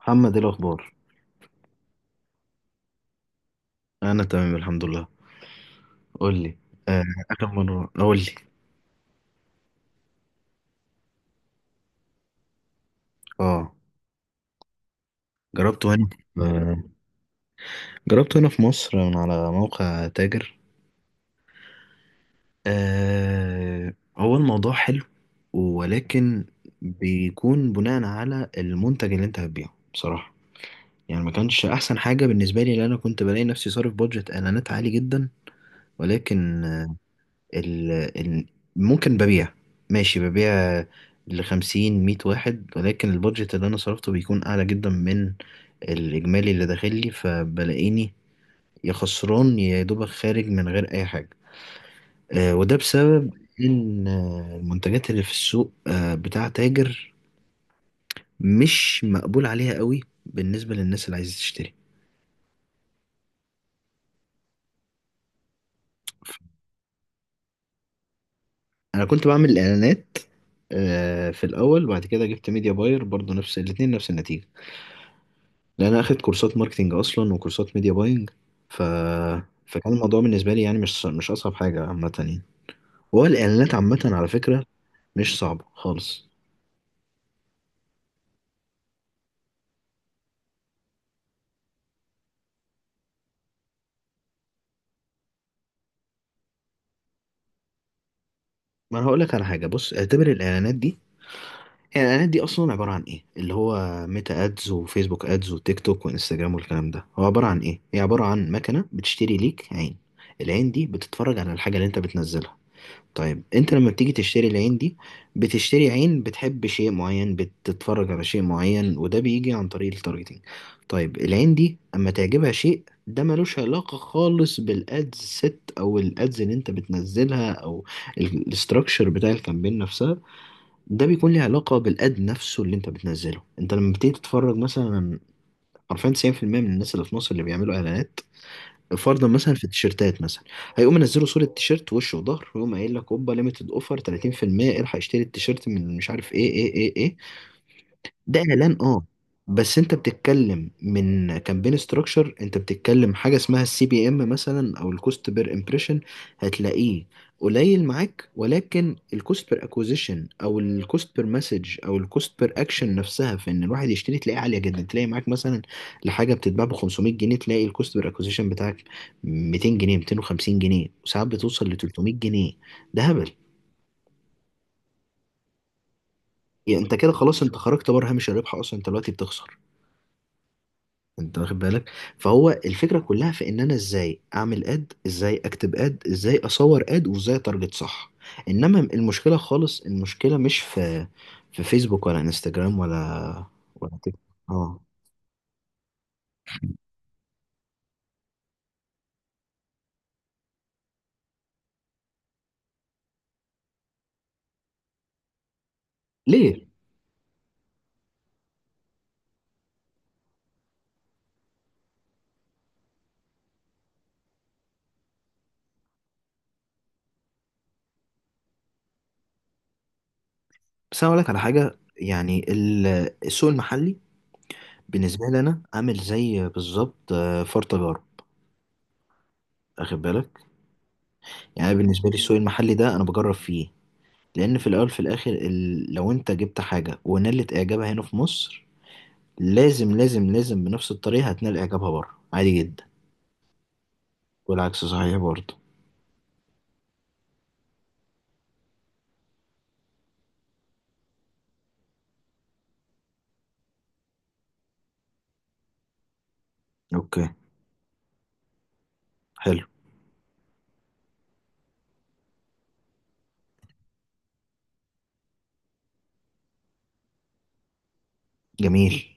محمد، ايه الاخبار؟ انا تمام الحمد لله. قول لي. آه، اخر مره قول لي. اه، جربته هنا. آه، جربته هنا في مصر من على موقع تاجر. آه، هو الموضوع حلو، ولكن بيكون بناء على المنتج اللي انت هتبيعه، بصراحه يعني ما كانش احسن حاجه بالنسبه لي، لان انا كنت بلاقي نفسي صارف بادجت اعلانات عالي جدا. ولكن ال... ال... ممكن ببيع، ماشي ببيع لخمسين مية واحد، ولكن البادجت اللي أنا صرفته بيكون أعلى جدا من الإجمالي اللي داخل لي، فبلاقيني يا خسران يا دوبك خارج من غير أي حاجة. وده بسبب إن المنتجات اللي في السوق، بتاع تاجر مش مقبول عليها قوي بالنسبة للناس اللي عايزة تشتري. أنا كنت بعمل إعلانات في الأول، بعد كده جبت ميديا باير برضو نفس الاتنين نفس النتيجة، لان انا اخدت كورسات ماركتينج اصلا وكورسات ميديا باينج. ف فكان الموضوع بالنسبه لي يعني مش اصعب حاجه عامه يعني. هو الاعلانات عامه على فكره مش صعبه خالص. ما انا هقول لك على حاجه، بص، اعتبر الاعلانات دي، الاعلانات دي اصلا عباره عن ايه؟ اللي هو ميتا ادز وفيسبوك ادز وتيك توك وانستجرام والكلام ده، هو عباره عن ايه؟ هي عباره عن مكنه بتشتري ليك عين، العين دي بتتفرج على الحاجه اللي انت بتنزلها. طيب انت لما بتيجي تشتري العين دي، بتشتري عين بتحب شيء معين، بتتفرج على شيء معين، وده بيجي عن طريق التارجتينج. طيب العين دي اما تعجبها شيء، ده ملوش علاقة خالص بالادز سيت او الادز اللي انت بتنزلها او الاستراكشر بتاع الكامبين نفسها. ده بيكون ليه علاقة بالاد نفسه اللي انت بتنزله. انت لما بتيجي تتفرج مثلا، حرفيا 90% من الناس اللي في مصر اللي بيعملوا اعلانات، فرضا مثلا في التيشيرتات مثلا، هيقوم منزله صورة تيشيرت وش وظهر، ويقوم قايل لك اوبا ليميتد اوفر 30%، الحق اشتري التيشيرت من مش عارف ايه ايه ايه ايه. ده اعلان، اه، بس انت بتتكلم من كامبين ستراكشر، انت بتتكلم حاجه اسمها السي بي ام مثلا، او الكوست بير امبريشن، هتلاقيه قليل معاك. ولكن الكوست بير اكوزيشن او الكوست بير مسج او الكوست بير اكشن نفسها في ان الواحد يشتري، تلاقيها عاليه جدا. تلاقي معاك مثلا لحاجه بتتباع ب 500 جنيه، تلاقي الكوست بير اكوزيشن بتاعك 200 جنيه، 250 جنيه، وساعات بتوصل ل 300 جنيه. ده هبل. يعني انت كده خلاص، انت خرجت بره هامش الربح اصلا، انت دلوقتي بتخسر. انت واخد بالك؟ فهو الفكره كلها في ان انا ازاي اعمل اد، ازاي اكتب اد، ازاي اصور اد، وازاي اتارجت صح. انما المشكله خالص، المشكله مش في، في فيسبوك ولا انستجرام ولا ولا تيك توك. اه. ليه؟ بس انا اقول لك على حاجه، يعني السوق المحلي بالنسبه لي انا عامل زي بالظبط فار تجارة، واخد بالك؟ يعني بالنسبه لي السوق المحلي ده انا بجرب فيه، لان في الاول في الاخر لو انت جبت حاجه ونالت اعجابها هنا في مصر، لازم لازم لازم بنفس الطريقة هتنال إعجابها بره عادي جدا. والعكس صحيح برضه. أوكي. حلو. جميل.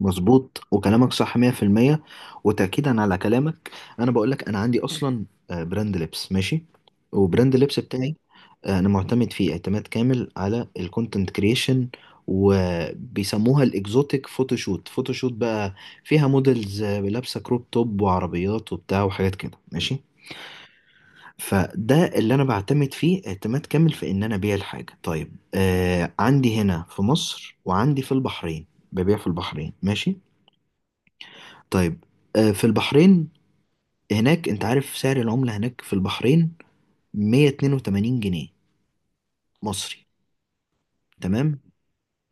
مظبوط، وكلامك صح 100%. وتأكيدا على كلامك، أنا بقولك، أنا عندي أصلا براند لبس ماشي، وبراند اللبس بتاعي، أنا معتمد فيه اعتماد كامل على الكونتنت كريشن، وبيسموها الاكزوتيك فوتوشوت، فوتوشوت بقى فيها موديلز لابسة كروب توب وعربيات وبتاع وحاجات كده ماشي. فده اللي انا بعتمد فيه اعتماد كامل في ان انا ابيع الحاجه. طيب آه، عندي هنا في مصر وعندي في البحرين، ببيع في البحرين ماشي. طيب آه، في البحرين هناك، انت عارف سعر العمله هناك في البحرين؟ 182 جنيه مصري. تمام.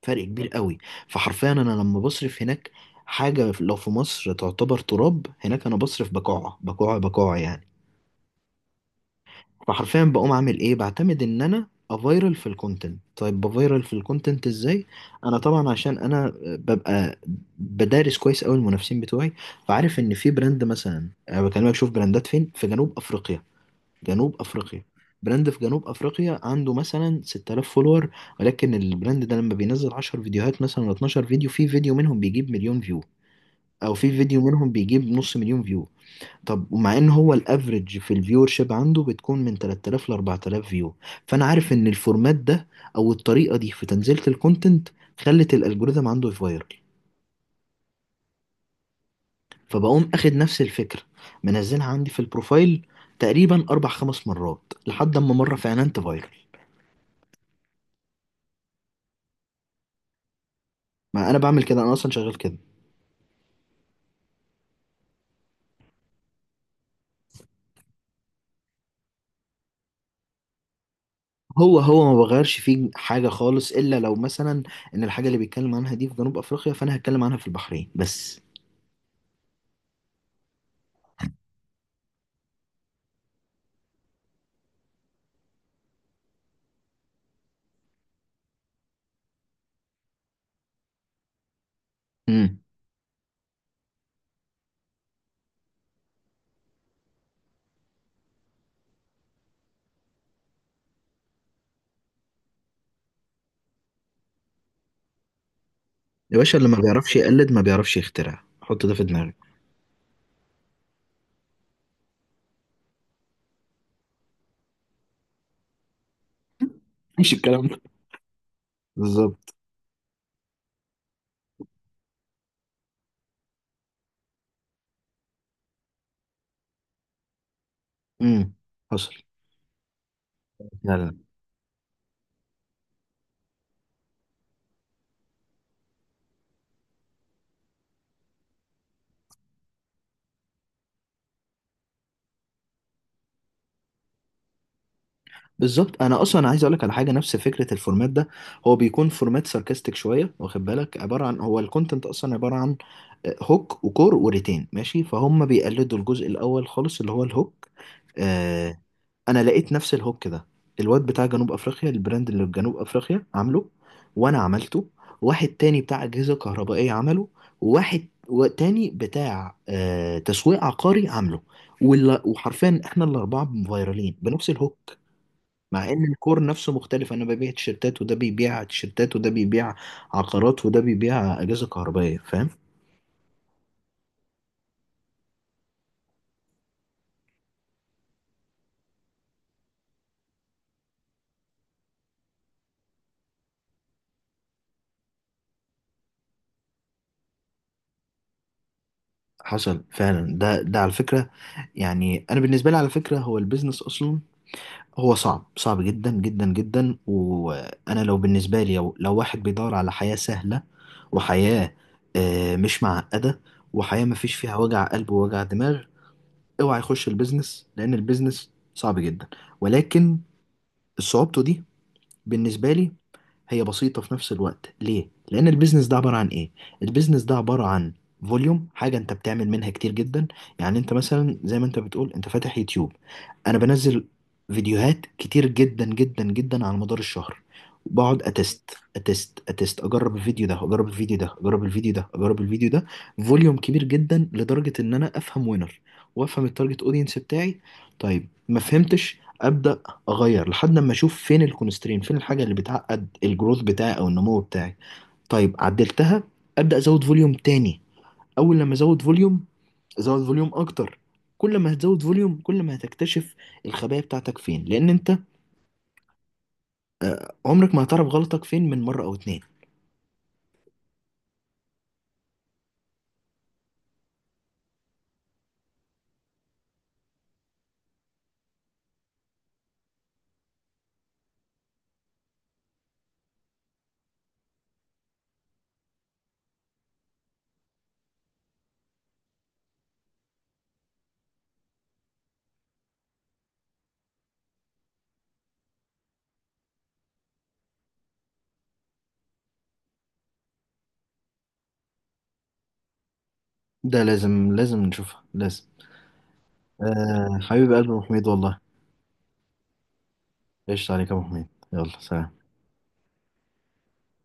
فرق كبير قوي. فحرفيا انا لما بصرف هناك حاجه لو في مصر تعتبر تراب، هناك انا بصرف بقاعه بقاعه بقاعه يعني. فحرفيا بقوم اعمل ايه، بعتمد ان انا افايرل في الكونتنت. طيب بفايرل في الكونتنت ازاي؟ انا طبعا عشان انا ببقى بدارس كويس قوي المنافسين بتوعي، فعارف ان في براند مثلا، أنا بكلمك شوف براندات فين، في جنوب افريقيا. جنوب افريقيا. براند في جنوب افريقيا عنده مثلا 6،000 فولور، ولكن البراند ده لما بينزل 10 فيديوهات مثلا ولا 12 فيديو، في فيديو منهم بيجيب مليون فيو، او في فيديو منهم بيجيب نص مليون فيو. طب ومع ان هو الافريج في الفيور شيب عنده بتكون من 3،000 ل 4،000 فيو، فانا عارف ان الفورمات ده او الطريقه دي في تنزيله الكونتنت خلت الالجوريثم عنده يفايرل. فبقوم اخد نفس الفكره، منزلها عندي في البروفايل تقريبا اربع خمس مرات، لحد اما مره فعلا تفايرل. ما انا بعمل كده، انا اصلا شغال كده. هو ما بغيرش فيه حاجه خالص، الا لو مثلا ان الحاجه اللي بيتكلم عنها دي في جنوب افريقيا، فانا هتكلم عنها في البحرين بس. امم. يا باشا، اللي ما بيعرفش يقلد ما بيعرفش يخترع، حط ده في دماغك. مش الكلام ده بالظبط. امم. حصل. لا لا. بالظبط. انا اصلا عايز اقول لك على حاجه، نفس فكره الفورمات ده هو بيكون فورمات ساركاستيك شويه، واخد بالك؟ عباره عن، هو الكونتنت اصلا عباره عن هوك وكور وريتين ماشي، فهم بيقلدوا الجزء الاول خالص اللي هو الهوك. انا لقيت نفس الهوك ده الواد بتاع جنوب افريقيا، البراند اللي في جنوب افريقيا، عامله، وانا عملته، واحد تاني بتاع اجهزه كهربائيه عمله، وواحد تاني بتاع آه تسويق عقاري عامله. وحرفيا احنا الاربعه فايرالين بنفس الهوك، مع ان الكور نفسه مختلف. انا ببيع تيشيرتات، وده بيبيع تيشيرتات، وده بيبيع عقارات، وده بيبيع اجهزه كهربائيه، فاهم؟ حصل فعلا. ده على فكره، يعني انا بالنسبه لي على فكره هو البيزنس اصلا، هو صعب صعب جدا جدا جدا. وانا لو بالنسبه لي، لو, واحد بيدور على حياه سهله، وحياه مش معقده، وحياه ما فيش فيها وجع قلب ووجع دماغ، اوعى يخش البيزنس، لان البيزنس صعب جدا. ولكن صعوبته دي بالنسبه لي هي بسيطة في نفس الوقت. ليه؟ لأن البيزنس ده عبارة عن إيه؟ البيزنس ده عبارة عن فوليوم، حاجة أنت بتعمل منها كتير جدا. يعني أنت مثلا زي ما أنت بتقول، أنت فاتح يوتيوب، أنا بنزل فيديوهات كتير جدا جدا جدا على مدار الشهر، وبقعد أتست أتست أتست، أجرب الفيديو ده، أجرب الفيديو ده، أجرب الفيديو ده، أجرب الفيديو ده. فوليوم كبير جدا لدرجة إن أنا أفهم وينر، وأفهم التارجت أودينس بتاعي. طيب ما فهمتش، أبدأ اغير لحد ما اشوف فين الكونسترين، فين الحاجه اللي بتعقد الجروث بتاعي او النمو بتاعي. طيب عدلتها، ابدا ازود فوليوم تاني. اول لما ازود فوليوم، ازود فوليوم اكتر. كل ما هتزود فوليوم، كل ما هتكتشف الخبايا بتاعتك فين، لان انت عمرك ما هتعرف غلطك فين من مره او اتنين. ده لازم لازم نشوفها لازم. آه حبيب قلبي يا ابو حميد والله. ايش عليك يا ابو حميد. يلا سلام.